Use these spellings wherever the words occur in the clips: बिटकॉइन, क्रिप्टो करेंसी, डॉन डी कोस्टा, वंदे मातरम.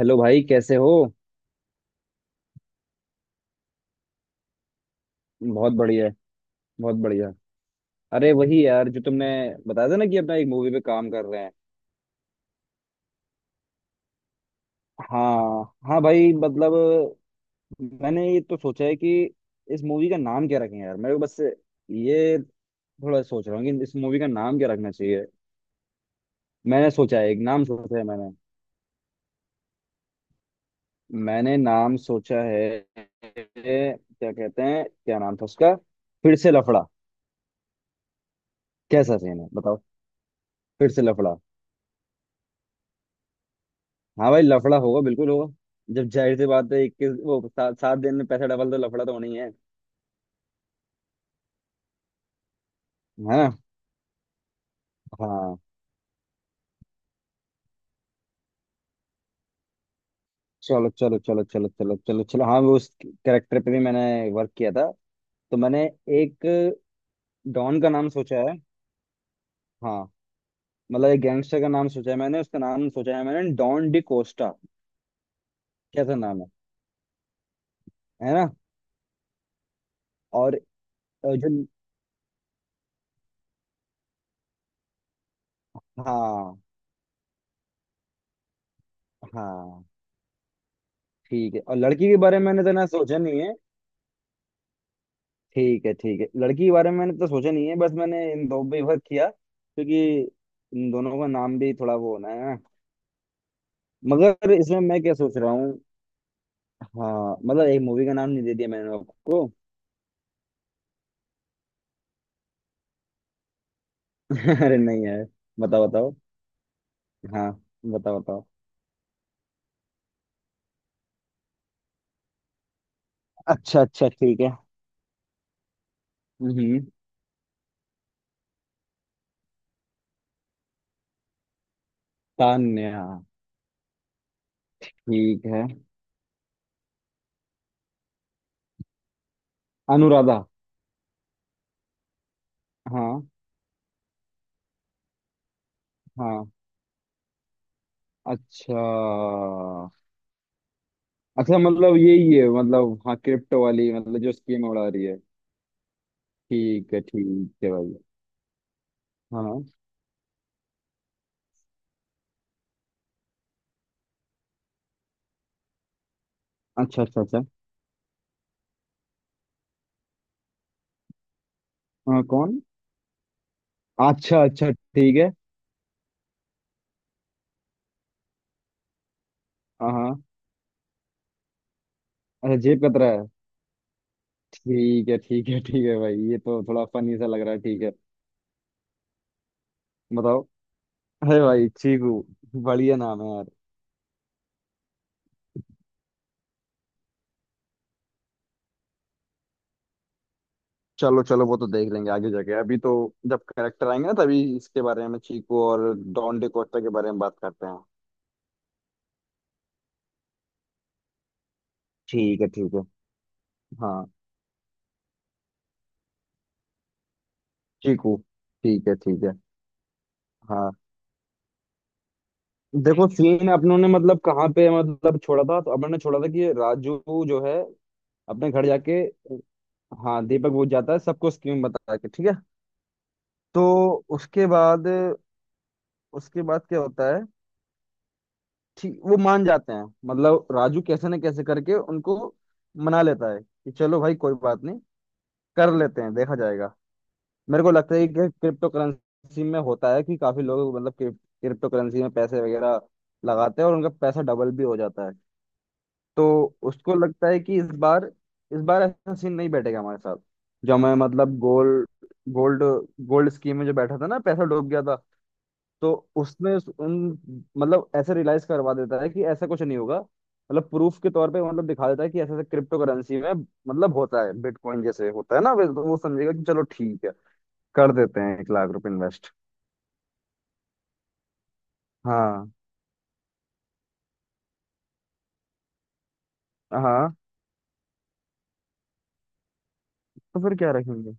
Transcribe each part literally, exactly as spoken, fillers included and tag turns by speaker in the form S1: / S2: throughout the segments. S1: Hello भाई, कैसे हो? बहुत बढ़िया। बहुत बढ़िया। अरे वही यार, जो तुमने बताया था ना कि अपना एक मूवी पे काम कर रहे हैं। हाँ हाँ भाई, मतलब मैंने ये तो सोचा है कि इस मूवी का नाम क्या रखें यार। मैं बस ये थोड़ा सोच रहा हूँ कि इस मूवी का नाम क्या रखना चाहिए। मैंने सोचा है, एक नाम सोचा है मैंने मैंने नाम सोचा है। क्या कहते हैं, क्या नाम था उसका। फिर से लफड़ा। कैसा सीन है बताओ। फिर से लफड़ा। हाँ भाई, लफड़ा होगा, बिल्कुल होगा। जब जाहिर सी बात है, इक्कीस वो सात सात दिन में पैसा डबल तो लफड़ा तो होना ही है। है ना? हाँ। चलो चलो चलो चलो चलो चलो चलो, हाँ वो उस कैरेक्टर पे भी मैंने वर्क किया था। तो मैंने एक डॉन का नाम सोचा है। हाँ मतलब एक गैंगस्टर का नाम सोचा है मैंने। उसका नाम सोचा है मैंने, डॉन डी कोस्टा। कैसा नाम है? है ना? और अ, जो। हाँ हाँ ठीक है। और लड़की के बारे में मैंने तो ना, सोचा नहीं है। ठीक है ठीक है। लड़की के बारे में मैंने तो सोचा नहीं है। बस मैंने इन दो पे वर्क किया, क्योंकि इन दोनों का नाम भी थोड़ा वो होना है। मगर इसमें मैं क्या सोच रहा हूँ, हाँ मतलब एक मूवी का नाम नहीं दे दिया मैंने आपको। अरे नहीं यार। बताओ बताओ। हाँ, बताओ बताओ। अच्छा अच्छा, ठीक है। हम्म। तान्या। ठीक है। अनुराधा। हाँ हाँ। अच्छा अच्छा, मतलब यही है मतलब, हाँ क्रिप्टो वाली, मतलब जो स्कीम उड़ा रही है। ठीक है ठीक है भाई। हाँ, अच्छा अच्छा अच्छा। हाँ कौन? अच्छा अच्छा, ठीक है। हाँ हाँ। अच्छा, जेब कतरा है। ठीक है ठीक है ठीक है भाई, ये तो थोड़ा फनी सा लग रहा है। ठीक है, बताओ। है भाई, चीकू। बढ़िया नाम है यार। चलो चलो, वो तो देख लेंगे आगे जाके, अभी तो जब करेक्टर आएंगे ना, तभी इसके बारे में चीकू और डॉन डिकोस्टा के बारे में बात करते हैं। ठीक है ठीक है। हाँ, चीकू। ठीक है ठीक है। हाँ देखो, सीन अपनों ने मतलब कहाँ पे मतलब छोड़ा था, तो अपनों ने छोड़ा था कि राजू जो है अपने घर जाके, हाँ दीपक बुझ जाता है सबको स्कीम बता के। ठीक है। तो उसके बाद उसके बाद क्या होता है। ठीक, वो मान जाते हैं। मतलब राजू कैसे न कैसे करके उनको मना लेता है कि चलो भाई कोई बात नहीं, कर लेते हैं, देखा जाएगा। मेरे को लगता है कि क्रिप्टो करेंसी में होता है कि काफी लोग मतलब क्रिप्टो करेंसी में पैसे वगैरह लगाते हैं और उनका पैसा डबल भी हो जाता है। तो उसको लगता है कि इस बार इस बार ऐसा सीन नहीं बैठेगा हमारे साथ। जो मैं मतलब गोल्ड, गोल्ड गोल्ड स्कीम में जो बैठा था ना, पैसा डूब गया था। तो उसने उस- उन, मतलब ऐसे रियलाइज करवा देता है कि ऐसा कुछ नहीं होगा। मतलब प्रूफ के तौर पे मतलब दिखा देता है कि ऐसा ऐसा क्रिप्टो करेंसी में मतलब होता है, बिटकॉइन जैसे होता है ना। वे- तो वो समझेगा कि चलो ठीक है, कर देते हैं एक लाख रुपए इन्वेस्ट। हाँ हाँ। तो फिर क्या रखेंगे?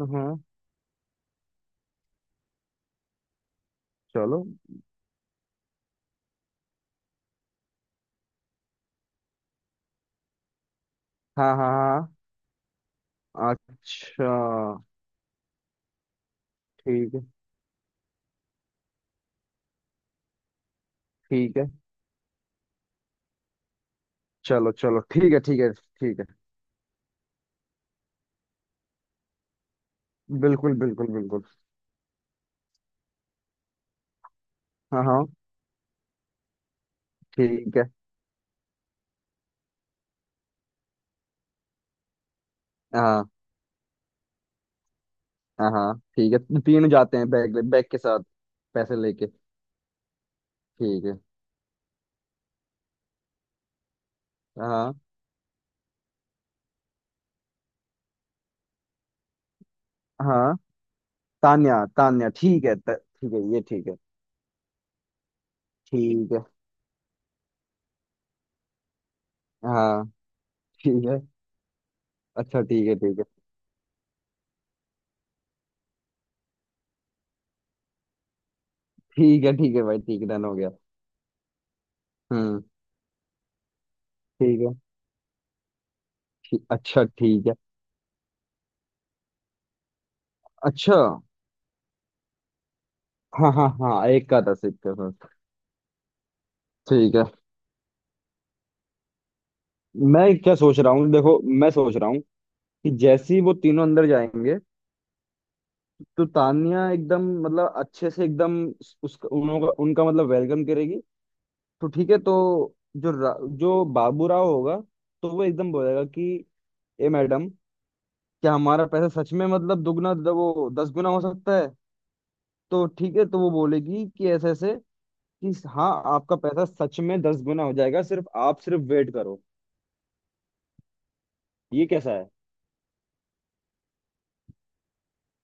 S1: हाँ हाँ, चलो। हाँ हाँ हाँ हाँ, अच्छा ठीक है। ठीक है। चलो चलो, ठीक है ठीक है ठीक है। बिल्कुल बिल्कुल बिल्कुल। हाँ हाँ ठीक है। हाँ हाँ हाँ ठीक है, तीन जाते हैं बैग बैग के साथ, पैसे लेके। ठीक है। हाँ हाँ, तान्या तान्या, ठीक है। त- ठीक है, ये ठीक है। ठीक है। हाँ ठीक है। अच्छा, ठीक है ठीक है। ठीक है ठीक है भाई, ठीक है, डन हो गया। हम्म। ठीक है। ठीक, अच्छा ठीक है। अच्छा। हाँ हाँ हाँ, एक का था एक का था। ठीक है। मैं क्या सोच रहा हूँ, देखो मैं सोच रहा हूँ कि जैसे ही वो तीनों अंदर जाएंगे, तो तानिया एकदम मतलब अच्छे से एकदम उसका उनका उनका मतलब वेलकम करेगी। तो ठीक है। तो जो रा, जो बाबू राव होगा, तो वो एकदम बोलेगा कि ए मैडम, क्या हमारा पैसा सच में मतलब दुगना, द- वो दस गुना हो सकता है। तो ठीक है, तो वो बोलेगी कि ऐसे ऐसे कि हाँ आपका पैसा सच में दस गुना हो जाएगा, सिर्फ आप सिर्फ वेट करो। ये कैसा है?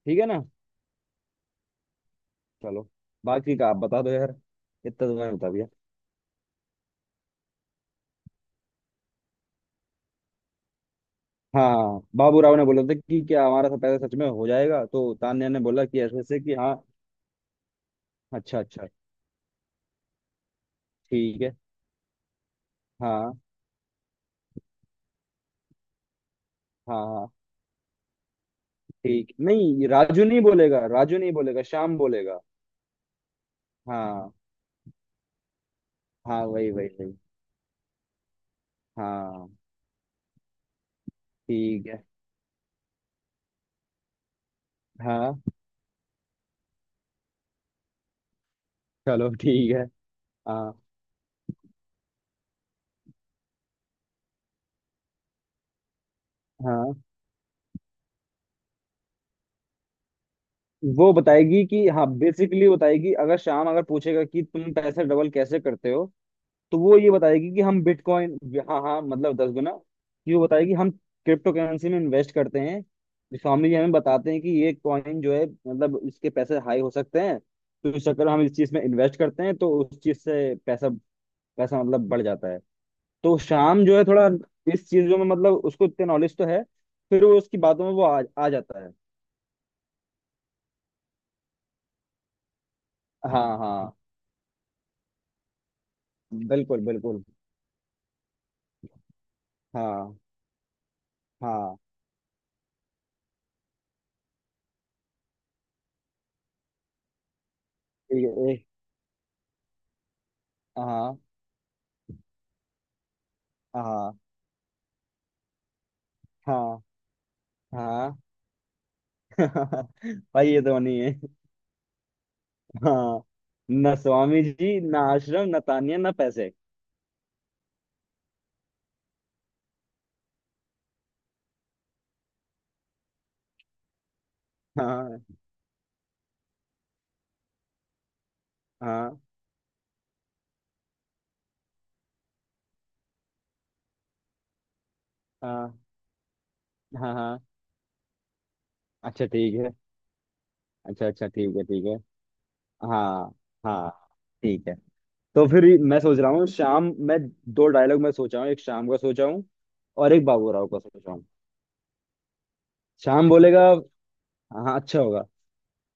S1: ठीक है ना? चलो, बाकी का आप बता दो यार, इतना तो मैंने बता दिया। हाँ, बाबूराव ने बोला था कि क्या हमारा सब पैसा सच में हो जाएगा, तो तान्या ने बोला कि ऐसे ऐसे कि हाँ। अच्छा अच्छा ठीक है। हाँ हाँ हाँ। ठीक, नहीं राजू नहीं बोलेगा। राजू नहीं बोलेगा, श्याम बोलेगा। हाँ, हाँ वही वही वही। हाँ ठीक है। हाँ, चलो ठीक है। हाँ हाँ। वो बताएगी कि हाँ, बेसिकली बताएगी, अगर श्याम अगर पूछेगा कि तुम पैसे डबल कैसे करते हो, तो वो ये बताएगी कि हम बिटकॉइन। हाँ हाँ मतलब दस गुना। कि वो बताएगी, हम क्रिप्टो करेंसी में इन्वेस्ट करते हैं। स्वामी जी हमें बताते हैं कि ये कॉइन जो है मतलब इसके पैसे हाई हो सकते हैं। तो इस चक्कर में हम इस चीज में इन्वेस्ट करते हैं, तो उस चीज से पैसा पैसा मतलब बढ़ जाता है। तो शाम जो है थोड़ा इस चीजों में मतलब उसको इतने नॉलेज तो है, फिर वो उसकी बातों में वो आ, आ जाता है। हाँ हाँ बिल्कुल बिल्कुल। हाँ हाँ ठीक है। ए, हाँ हाँ हाँ हाँ। भाई ये तो नहीं है। हाँ, ना स्वामी जी, ना आश्रम, ना तानिया, ना पैसे। हाँ हाँ हाँ हाँ हाँ। अच्छा ठीक है। अच्छा अच्छा, ठीक है ठीक है। हाँ हाँ ठीक है। तो फिर मैं सोच रहा हूँ, शाम। मैं दो डायलॉग मैं सोचा हूँ, एक शाम का सोचा हूँ और एक बाबू राव का सोचा हूँ। शाम बोलेगा, हाँ अच्छा होगा,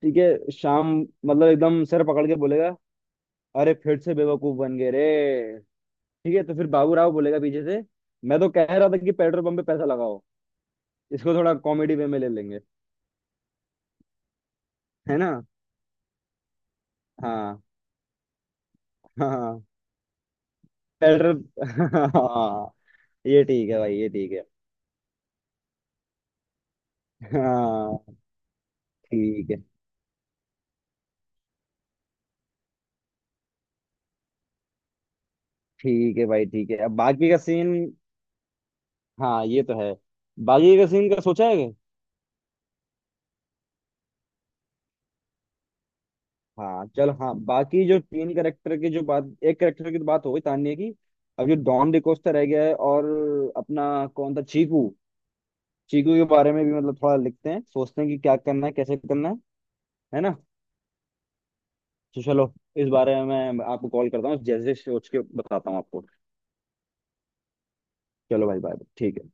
S1: ठीक है शाम मतलब एकदम सर पकड़ के बोलेगा, अरे फिर से बेवकूफ बन गए रे। ठीक है, तो फिर बाबू राव बोलेगा पीछे से, मैं तो कह रहा था कि पेट्रोल पंप पे पैसा लगाओ। इसको थोड़ा कॉमेडी वे में ले लेंगे, है ना? हाँ हाँ, पेट्रोल, हाँ, ये ठीक है भाई, ये ठीक है। हाँ ठीक है ठीक है भाई, ठीक है, अब बाकी का सीन। हाँ ये तो है, बाकी का सीन का सोचा है क्या? हाँ चल हाँ, बाकी जो तीन करेक्टर की जो बात, एक करेक्टर की तो बात हो गई, तान्या की। अब जो डॉन डिकोस्टा रह गया है, और अपना कौन था, चीकू। चीकू के बारे में भी मतलब थोड़ा लिखते हैं, सोचते हैं कि क्या करना है, कैसे करना है है ना? तो चलो, इस बारे में मैं आपको कॉल करता हूँ, जैसे सोच के बताता हूँ आपको। चलो भाई बाय, ठीक है।